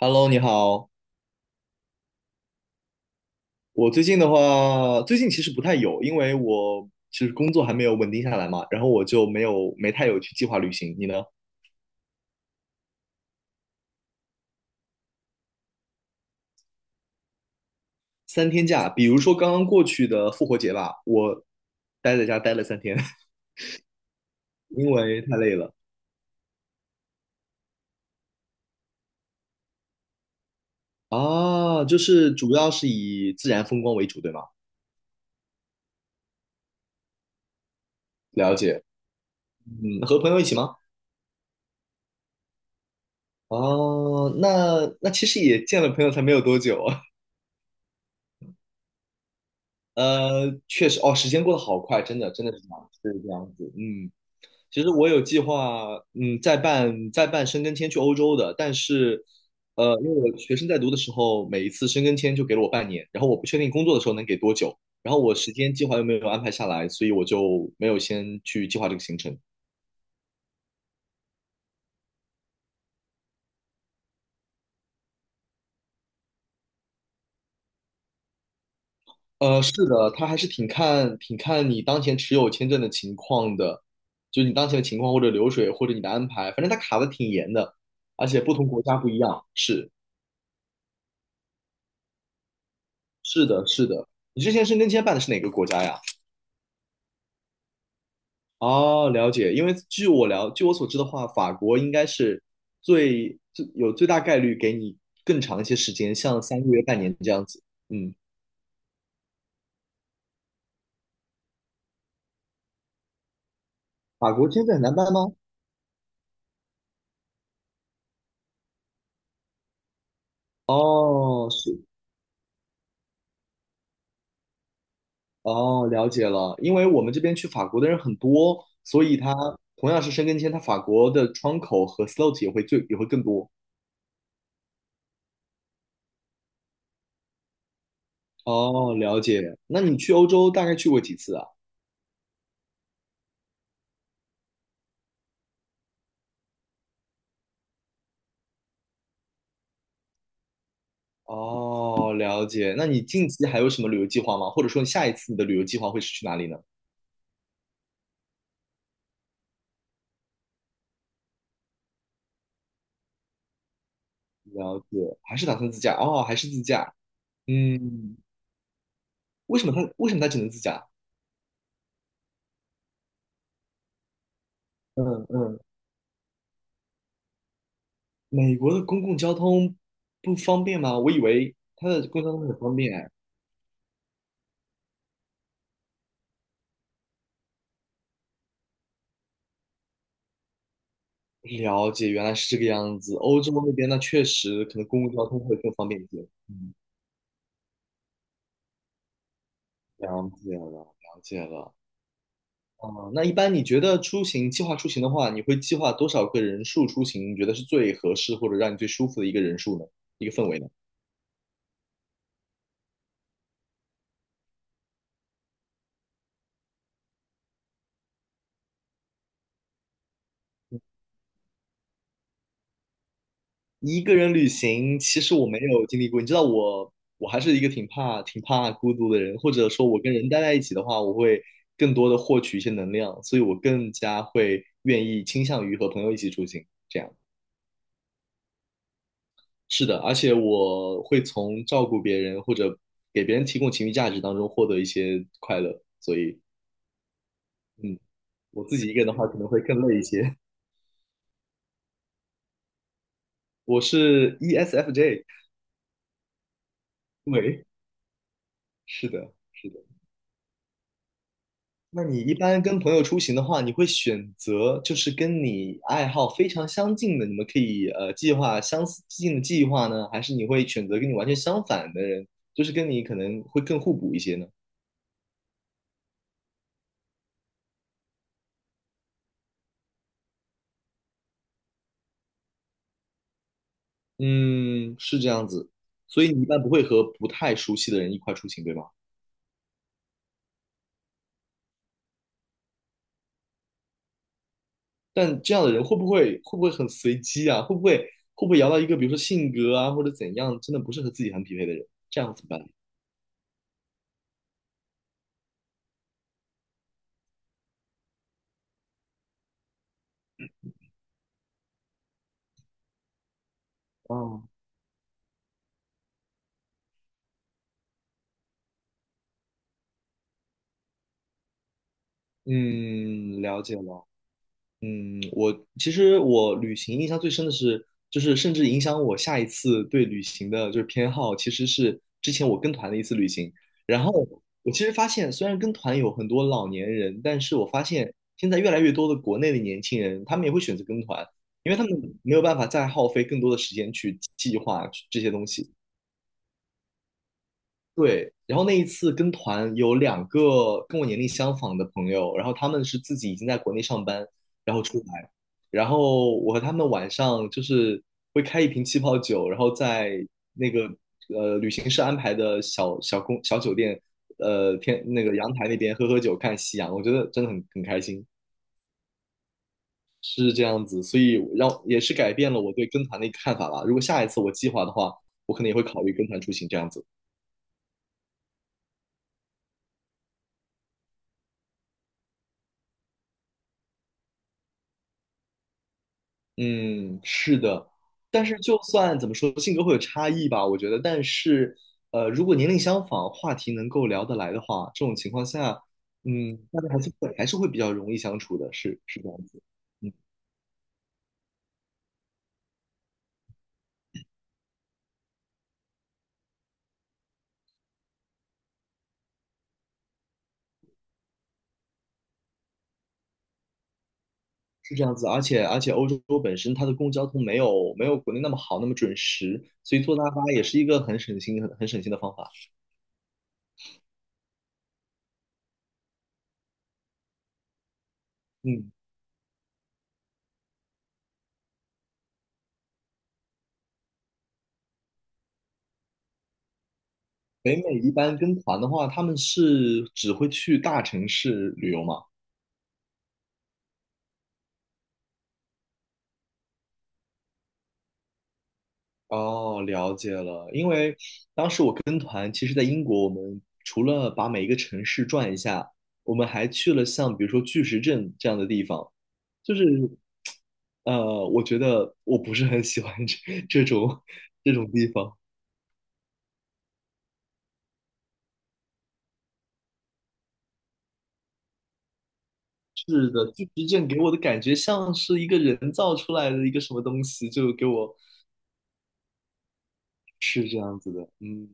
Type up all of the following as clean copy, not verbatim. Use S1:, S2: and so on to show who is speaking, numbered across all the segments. S1: Hello，你好。我最近其实不太有，因为我其实工作还没有稳定下来嘛，然后我就没太有去计划旅行。你呢？三天假，比如说刚刚过去的复活节吧，我待在家待了三天，因为太累了啊。就是主要是以自然风光为主，对吗？了解。嗯，和朋友一起吗？哦，那其实也见了朋友才没有多久啊。确实，哦，时间过得好快，真的，真的是这样，是这样子。嗯。其实我有计划，再办申根签去欧洲的，但是，因为我学生在读的时候，每一次申根签就给了我半年，然后我不确定工作的时候能给多久，然后我时间计划又没有安排下来，所以我就没有先去计划这个行程。是的，它还是挺看你当前持有签证的情况的，就是你当前的情况或者流水或者你的安排，反正它卡的挺严的，而且不同国家不一样。是是的，是的。你之前申根签办的是哪个国家呀？哦，了解。因为据我了，据我所知的话，法国应该是最大概率给你更长一些时间，像三个月、半年这样子。嗯，法国签证很难办吗？哦，是，哦，了解了。因为我们这边去法国的人很多，所以他同样是申根签，他法国的窗口和 slot 也会更多。哦，了解。那你去欧洲大概去过几次啊？哦，了解。那你近期还有什么旅游计划吗？或者说你下一次你的旅游计划会是去哪里呢？了解，还是打算自驾哦，还是自驾。嗯，为什么他只能自驾？嗯嗯，美国的公共交通不方便吗？我以为它的公共交通很方便。了解，原来是这个样子。欧洲那边那确实可能公共交通会更方便一些。嗯，了解了，了解了。哦，那一般你觉得出行计划出行的话，你会计划多少个人数出行？你觉得是最合适或者让你最舒服的一个人数呢？一个氛围呢？一个人旅行，其实我没有经历过。你知道我，我还是一个挺怕、挺怕孤独的人，或者说，我跟人待在一起的话，我会更多的获取一些能量，所以我更加会愿意倾向于和朋友一起出行。这样是的，而且我会从照顾别人或者给别人提供情绪价值当中获得一些快乐。所以，嗯，我自己一个人的话，可能会更累一些。我是 ESFJ,是的，是的。那你一般跟朋友出行的话，你会选择就是跟你爱好非常相近的，你们可以计划相似近的计划呢，还是你会选择跟你完全相反的人，就是跟你可能会更互补一些呢？嗯，是这样子，所以你一般不会和不太熟悉的人一块出行，对吗？但这样的人会不会很随机啊？会不会摇到一个比如说性格啊或者怎样，真的不是和自己很匹配的人，这样怎么办？哦，嗯，了解了。嗯，其实我旅行印象最深的是，就是甚至影响我下一次对旅行的就是偏好，其实是之前我跟团的一次旅行。然后我其实发现，虽然跟团有很多老年人，但是我发现现在越来越多的国内的年轻人，他们也会选择跟团，因为他们没有办法再耗费更多的时间去计划这些东西。对，然后那一次跟团有两个跟我年龄相仿的朋友，然后他们是自己已经在国内上班，然后出来，然后我和他们晚上就是会开一瓶气泡酒，然后在那个旅行社安排的小酒店，天那个阳台那边喝喝酒看夕阳，我觉得真的很开心，是这样子，所以让也是改变了我对跟团的一个看法吧。如果下一次我计划的话，我可能也会考虑跟团出行这样子。嗯，是的，但是就算怎么说，性格会有差异吧，我觉得。但是，如果年龄相仿，话题能够聊得来的话，这种情况下，嗯，大家还是会比较容易相处的，是这样子，嗯，是这样子。而且，欧洲本身它的公共交通没有国内那么好，那么准时，所以坐大巴也是一个很省心的方法。嗯，北美一般跟团的话，他们是只会去大城市旅游嘛？哦，了解了。因为当时我跟团，其实在英国，我们除了把每一个城市转一下，我们还去了像比如说巨石阵这样的地方。就是，我觉得我不是很喜欢 这种这种地方。是的，巨石阵给我的感觉像是一个人造出来的一个什么东西，就给我是这样子的。嗯，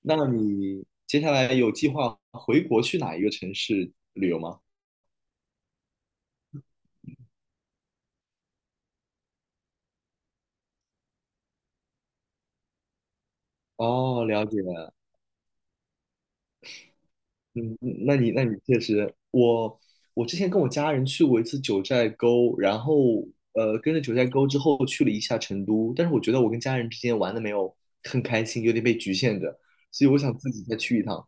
S1: 那你接下来有计划回国去哪一个城市旅游吗？哦，了解。嗯，那你确实，我之前跟我家人去过一次九寨沟，然后跟着九寨沟之后去了一下成都，但是我觉得我跟家人之间玩的没有很开心，有点被局限着，所以我想自己再去一趟。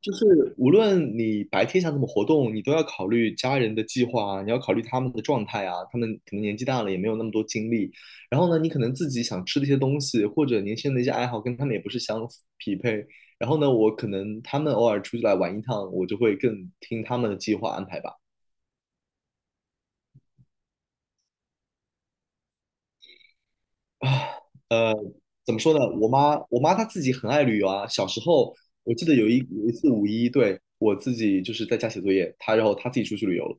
S1: 就是无论你白天想怎么活动，你都要考虑家人的计划啊，你要考虑他们的状态啊，他们可能年纪大了也没有那么多精力。然后呢，你可能自己想吃的一些东西，或者年轻人的一些爱好跟他们也不是相匹配。然后呢，我可能他们偶尔出去来玩一趟，我就会更听他们的计划安排吧。啊，呃，怎么说呢？我妈她自己很爱旅游啊。小时候，我记得有一次五一，对，我自己就是在家写作业，然后她自己出去旅游了。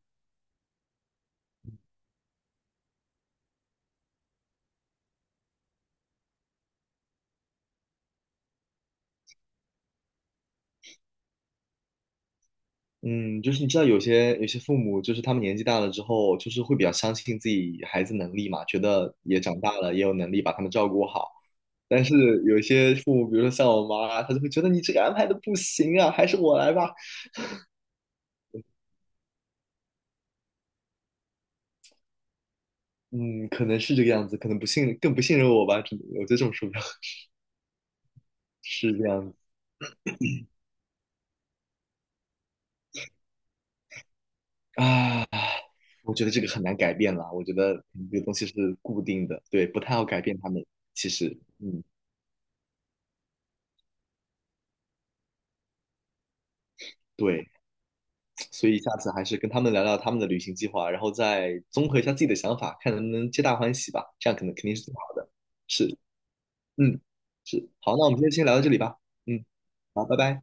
S1: 嗯，就是你知道有些父母，就是他们年纪大了之后，就是会比较相信自己孩子能力嘛，觉得也长大了，也有能力把他们照顾好。但是有一些父母，比如说像我妈啊，她就会觉得你这个安排的不行啊，还是我来吧。嗯，可能是这个样子，可能不信，更不信任我吧，只能我觉得这种说法 是这样子啊。我觉得这个很难改变啦，我觉得这个东西是固定的，对，不太好改变他们。其实，嗯，对。所以下次还是跟他们聊聊他们的旅行计划，然后再综合一下自己的想法，看能不能皆大欢喜吧。这样可能肯定是最好的。是，嗯，是。好，那我们今天先聊到这里吧。嗯，好，拜拜。